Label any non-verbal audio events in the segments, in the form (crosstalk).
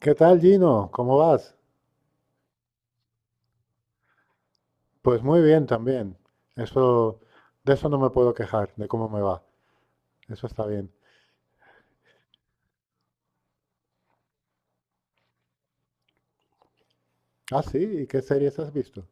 ¿Qué tal, Gino? ¿Cómo vas? Pues muy bien también. Eso, de eso no me puedo quejar, de cómo me va. Eso está bien. Ah, sí, ¿y qué series has visto?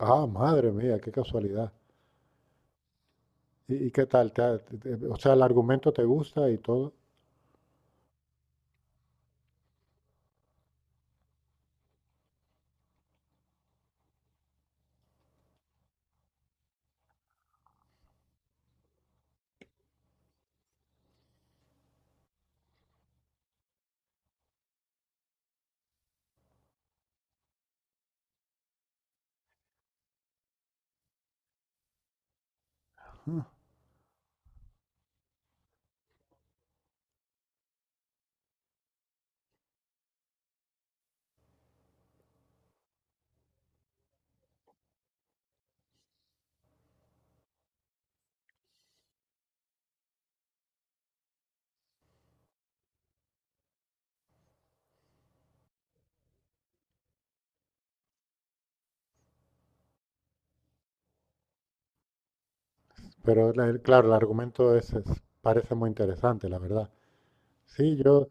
Ah, madre mía, qué casualidad. ¿Y qué tal? ¿Te ha- te- te- O sea, el argumento te gusta y todo. Ah, pero claro, el argumento parece muy interesante, la verdad. Sí,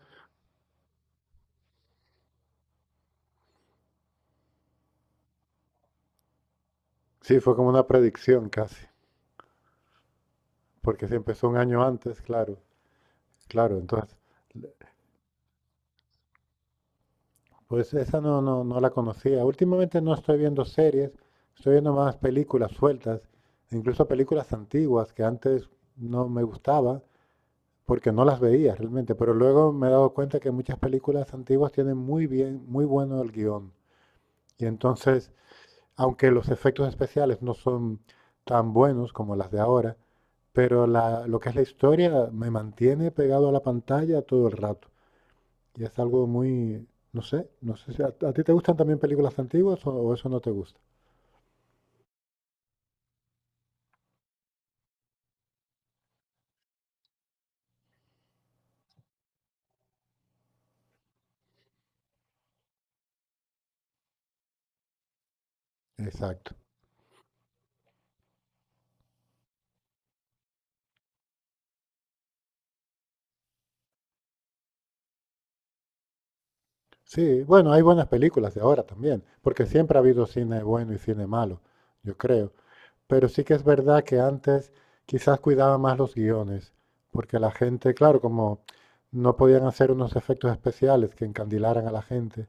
sí, fue como una predicción casi, porque si empezó un año antes, claro, claro, entonces. Pues esa no, no, no la conocía. Últimamente no estoy viendo series, estoy viendo más películas sueltas, incluso películas antiguas que antes no me gustaba porque no las veía realmente, pero luego me he dado cuenta que muchas películas antiguas tienen muy bien, muy bueno el guión. Y entonces, aunque los efectos especiales no son tan buenos como las de ahora, pero lo que es la historia me mantiene pegado a la pantalla todo el rato. Y es algo muy, no sé, no sé si a ti te gustan también películas antiguas o eso no te gusta. Exacto. Sí, bueno, hay buenas películas de ahora también, porque siempre ha habido cine bueno y cine malo, yo creo. Pero sí que es verdad que antes quizás cuidaba más los guiones, porque la gente, claro, como no podían hacer unos efectos especiales que encandilaran a la gente,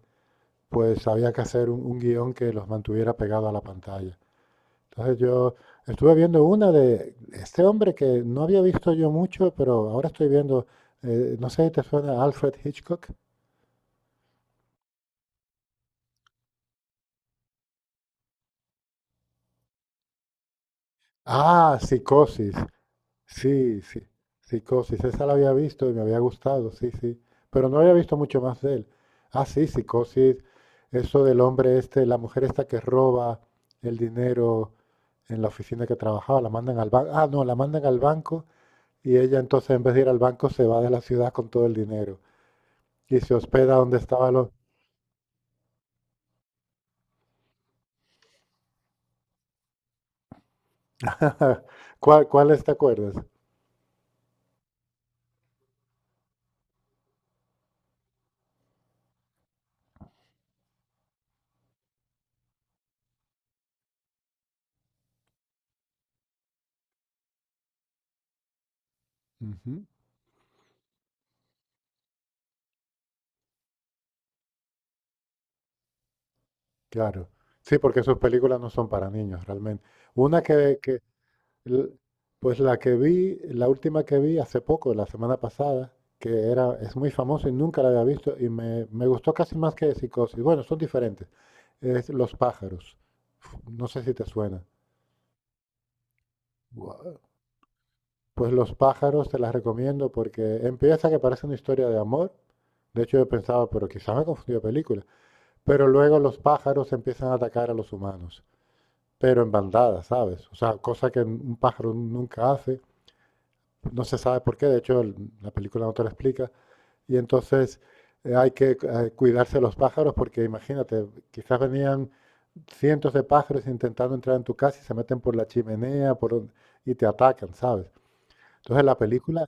pues había que hacer un guión que los mantuviera pegado a la pantalla. Entonces yo estuve viendo una de este hombre que no había visto yo mucho, pero ahora estoy viendo, no sé si te suena Alfred Hitchcock. Ah, Psicosis. Sí, sí. Psicosis. Esa la había visto y me había gustado, sí, sí. Pero no había visto mucho más de él. Ah, sí, Psicosis. Eso del hombre este, la mujer esta que roba el dinero en la oficina que trabajaba, la mandan al banco. Ah, no, la mandan al banco y ella entonces en vez de ir al banco se va de la ciudad con todo el dinero. Y se hospeda donde estaba los... (laughs) ¿Cuáles te acuerdas? Ujú. Claro. Sí, porque sus películas no son para niños, realmente. Una que, l- Pues la que vi, la última que vi hace poco, la semana pasada, que era, es muy famosa y nunca la había visto, y me gustó casi más que Psicosis. Bueno, son diferentes. Es Los pájaros. Uf, no sé si te suena. Guau. Pues Los pájaros te las recomiendo porque empieza que parece una historia de amor. De hecho, yo pensaba, pero quizá me confundí de película. Pero luego los pájaros empiezan a atacar a los humanos, pero en bandadas, ¿sabes? O sea, cosa que un pájaro nunca hace, no se sabe por qué, de hecho la película no te lo explica, y entonces hay que cuidarse de los pájaros porque imagínate, quizás venían cientos de pájaros intentando entrar en tu casa y se meten por la chimenea por y te atacan, ¿sabes? Entonces la película.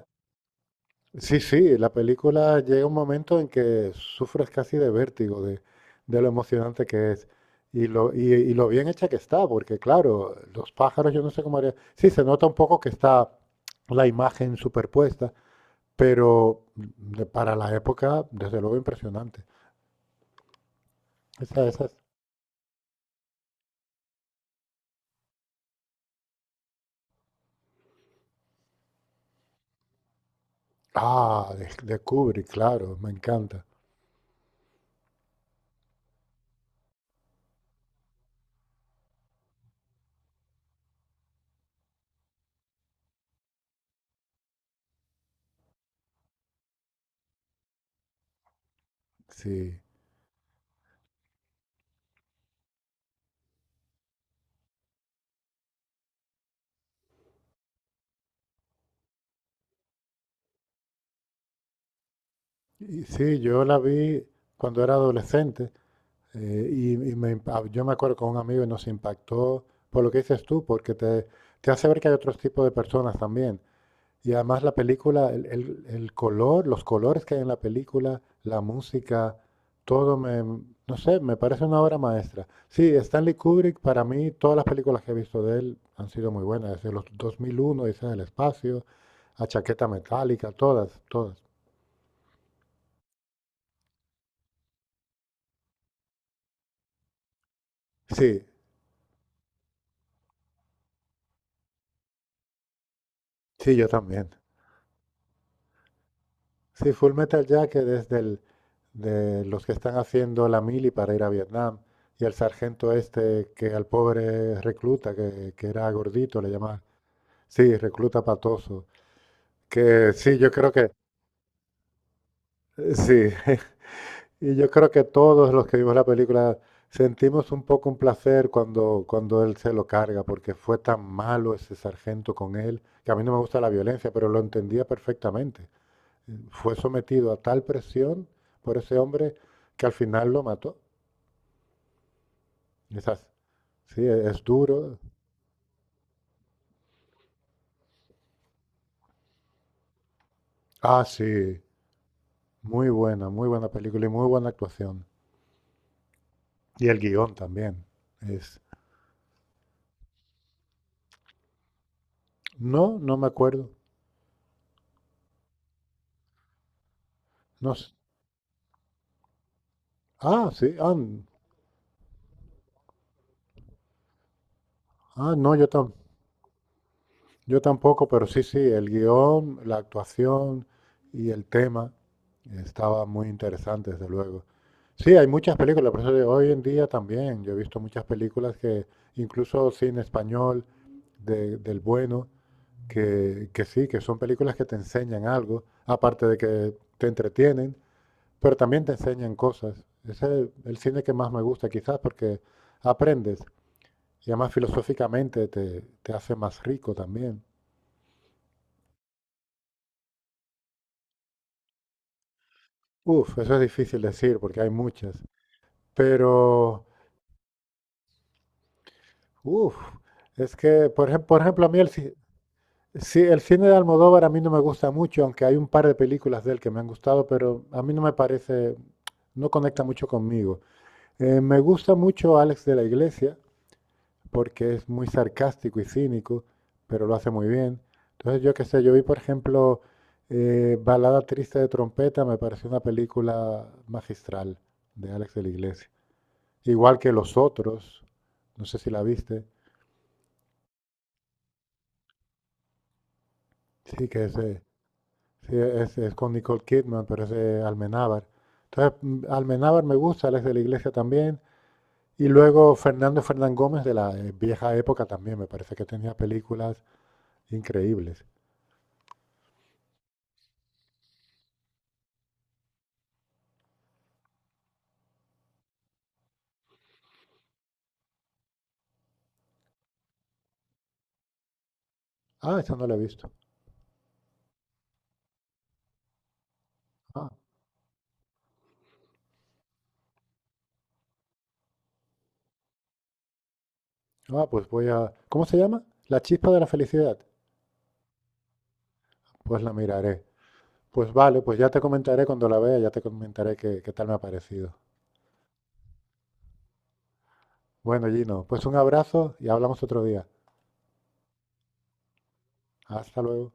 Sí, sí, la película llega un momento en que sufres casi de vértigo de lo emocionante que es y lo bien hecha que está, porque claro, los pájaros yo no sé cómo haría. Sí, se nota un poco que está la imagen superpuesta, pero para la época, desde luego impresionante. Esa, esa es- Ah, de Kubrick, claro, me encanta. Sí. Y sí, yo la vi cuando era adolescente. Yo me acuerdo con un amigo y nos impactó por lo que dices tú, porque te hace ver que hay otros tipos de personas también. Y además la película, el color, los colores que hay en la película, la música, todo no sé, me parece una obra maestra. Sí, Stanley Kubrick, para mí, todas las películas que he visto de él han sido muy buenas, desde los 2001, dice del espacio, a Chaqueta Metálica, todas, todas. Sí, sí, yo también. Sí, Full Metal Jacket es del, de los que están haciendo la mili para ir a Vietnam. Y el sargento este que al pobre recluta, que era gordito, le llamaban. Sí, recluta patoso. Que sí, yo creo que, sí, (laughs) Y yo creo que todos los que vimos la película sentimos un poco un placer cuando él se lo carga, porque fue tan malo ese sargento con él, que a mí no me gusta la violencia, pero lo entendía perfectamente. Fue sometido a tal presión por ese hombre que al final lo mató. Quizás, sí, es duro. Ah, sí, muy buena película y muy buena actuación. Y el guión también. Es... No, no me acuerdo. No, ah, sí, ah, no, yo tampoco. Yo tampoco, pero sí, sí, el guión, la actuación y el tema estaba muy interesante, desde luego. Sí, hay muchas películas, por eso digo, hoy en día también. Yo he visto muchas películas que, incluso cine español del bueno, que sí, que son películas que te enseñan algo, aparte de que te entretienen, pero también te enseñan cosas. Ese es el cine que más me gusta, quizás, porque aprendes y además filosóficamente te hace más rico también. Uf, eso es difícil decir porque hay muchas. Pero, uf, es que, por ejemplo, a mí sí, el cine de Almodóvar a mí no me gusta mucho, aunque hay un par de películas de él que me han gustado, pero a mí no me parece, no conecta mucho conmigo. Me gusta mucho Alex de la Iglesia porque es muy sarcástico y cínico, pero lo hace muy bien. Entonces, yo qué sé, yo vi, por ejemplo, Balada Triste de Trompeta, me pareció una película magistral de Alex de la Iglesia. Igual que los otros, no sé si la viste, sí, que es, sí, es con Nicole Kidman, pero es de Almenábar. Entonces, Almenábar me gusta, él es de la iglesia también. Y luego Fernando Fernán Gómez de la vieja época también, me parece que tenía películas increíbles. Ah, esa no la he visto. Ah, ah, pues voy a... ¿Cómo se llama? La chispa de la felicidad. Pues la miraré. Pues vale, pues ya te comentaré cuando la vea, ya te comentaré qué tal me ha parecido. Bueno, Gino, pues un abrazo y hablamos otro día. Hasta luego.